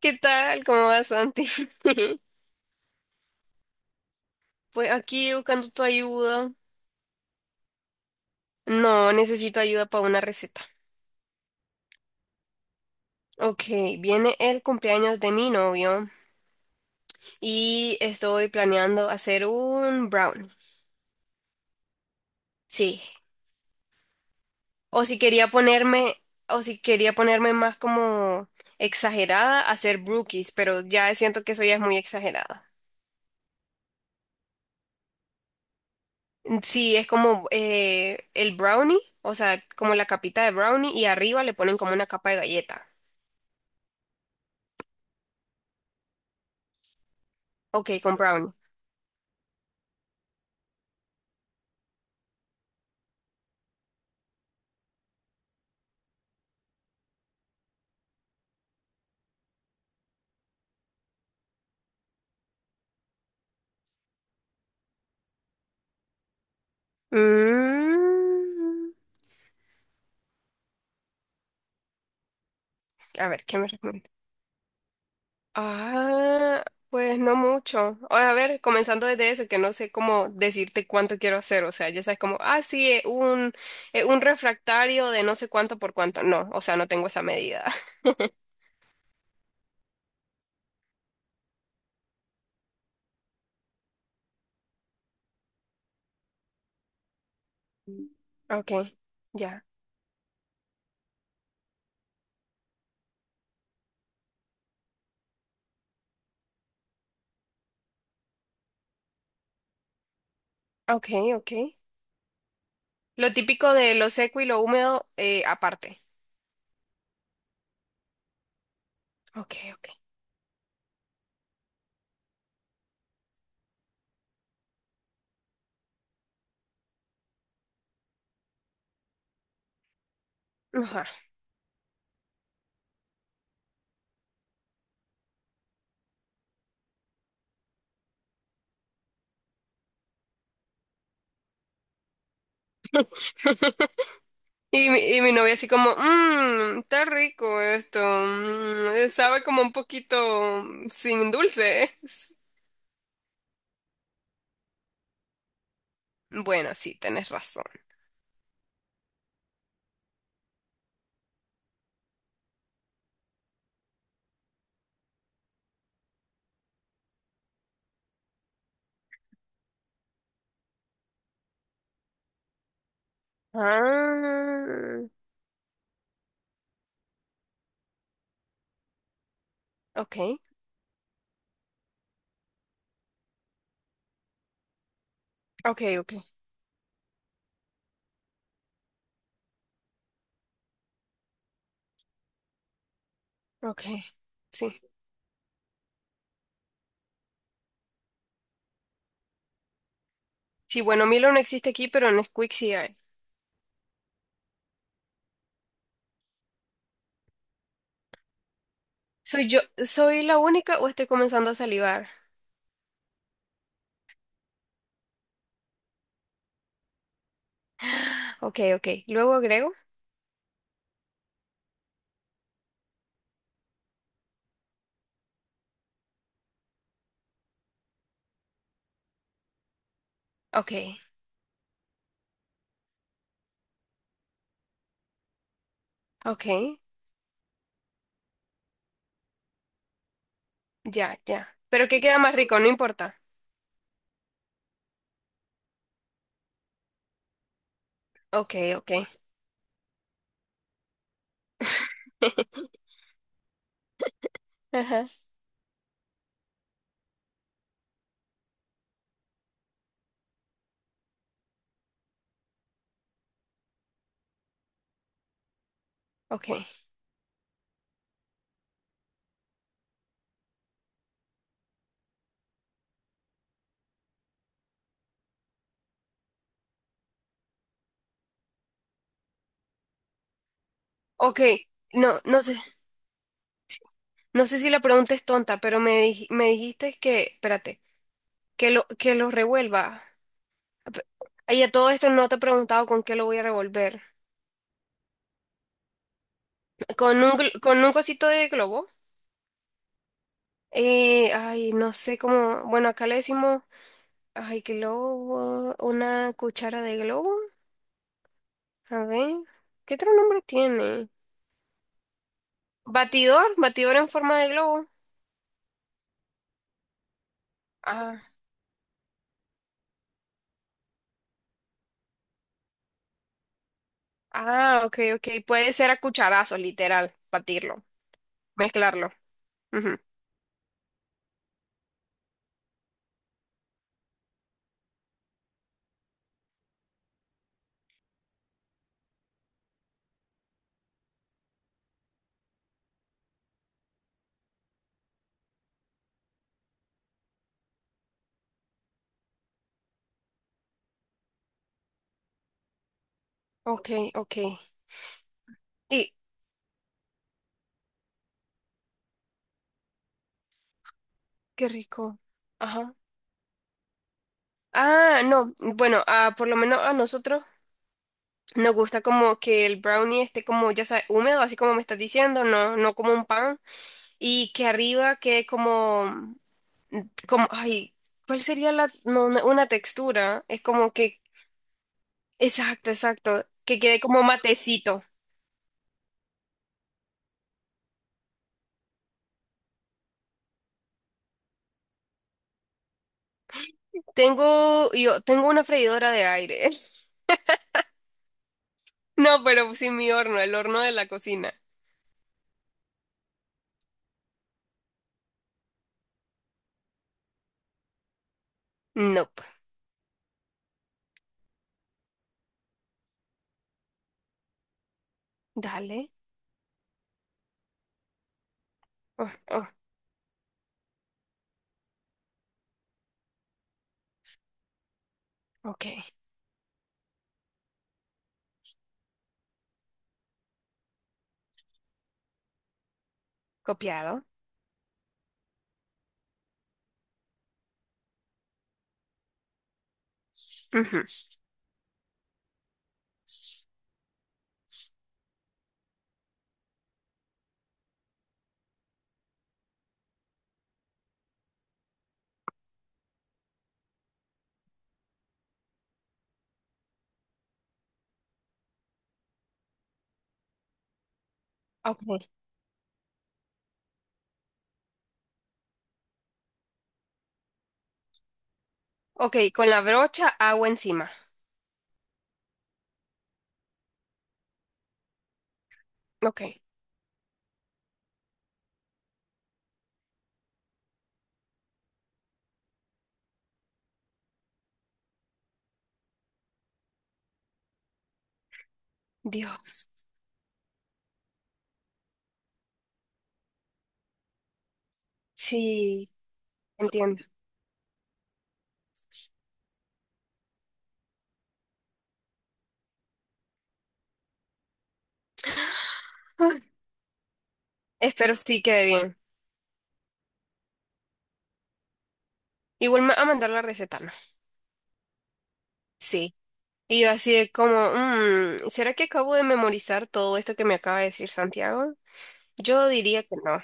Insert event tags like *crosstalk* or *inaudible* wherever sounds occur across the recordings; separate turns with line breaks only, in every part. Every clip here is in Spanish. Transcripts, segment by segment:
¿Qué tal? ¿Cómo vas, Santi? *laughs* Pues aquí buscando tu ayuda. No, necesito ayuda para una receta. Ok, viene el cumpleaños de mi novio y estoy planeando hacer un brownie. Sí. O si quería ponerme, o si quería ponerme más como exagerada, hacer brookies, pero ya siento que eso ya es muy exagerada. Sí, es como el brownie, o sea, como la capita de brownie y arriba le ponen como una capa de galleta. Ok, con brownie. Mm, a ver, ¿qué me recomienda? Ah, pues no mucho. O, a ver, comenzando desde eso, que no sé cómo decirte cuánto quiero hacer. O sea, ya sabes como, ah, sí, un refractario de no sé cuánto por cuánto. No, o sea, no tengo esa medida. *laughs* Ok, ya. Ok, ok. Lo típico de lo seco y lo húmedo, aparte. Ok, ok. Ajá. Y, y mi novia así como, mmm, está rico esto, mm, sabe como un poquito sin dulce. Bueno, sí, tenés razón. Ah, ok, ok, ok, ok, sí. Sí, bueno, Milo no existe aquí, pero Nesquik sí hay. ¿Soy yo, soy la única o estoy comenzando a salivar? *gasps* Ok, ok, luego agrego. Ok, ok, ya, ya. ¿Pero qué queda más rico? No importa. Ok, ok. *laughs* Ajá, ok. Ok, no, no sé, no sé si la pregunta es tonta, pero me dijiste que, espérate, que lo revuelva. Pe- Y a todo esto no te he preguntado con qué lo voy a revolver. Con un, con un cosito de globo. Ay, no sé cómo, bueno, acá le decimos, ay, globo, una cuchara de globo. A ver, ¿qué otro nombre tiene? Batidor, batidor en forma de globo. Ah, ah, ok, ok, puede ser a cucharazos, literal, batirlo, mezclarlo. Ujú. Ok, ok. Y qué rico. Ajá. Ah, no. Bueno, ah, por lo menos a nosotros nos gusta como que el brownie esté como, ya sabes, húmedo, así como me estás diciendo, no, no como un pan. Y que arriba quede como, como, ay, ¿cuál sería la, no, no, una textura? Es como que, exacto, exacto, que quede como matecito. Yo tengo una freidora de aire. *laughs* No, pero sí mi horno, el horno de la cocina. Nope. Dale. Oh, oh, ok. Copiado. Ujú. Ok. Ok, con la brocha, agua encima. Ok. Dios. Sí, entiendo. *gasps* Ah, espero sí quede bien. Igual me va a mandar la receta, ¿no? Sí. Y yo así de como, mm, ¿será que acabo de memorizar todo esto que me acaba de decir Santiago? Yo diría que no.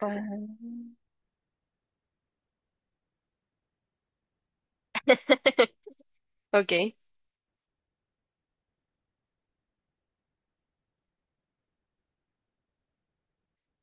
Ah. *laughs* Ok,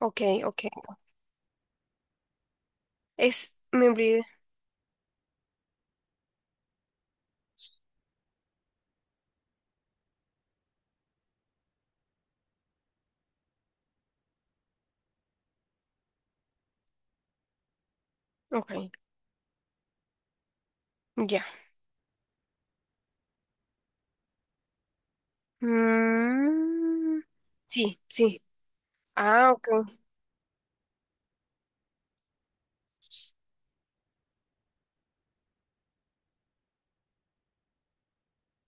ok, ok. Es, me olvidé. Ok, ya. Mm, sí, sí. Ah, ok.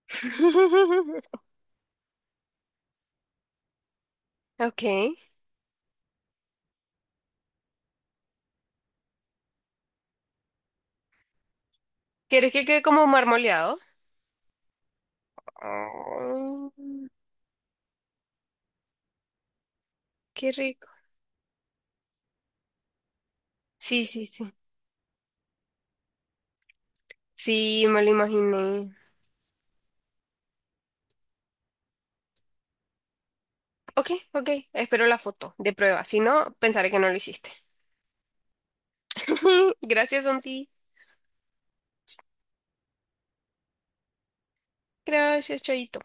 *laughs* Ok. ¿Quieres que quede como marmoleado? Ay, qué rico. Sí, sí, sí. Sí, me lo imaginé. Ok, ok. Espero la foto de prueba. Si no, pensaré que no lo hiciste. *laughs* Gracias, Santi. Gracias, Chaito.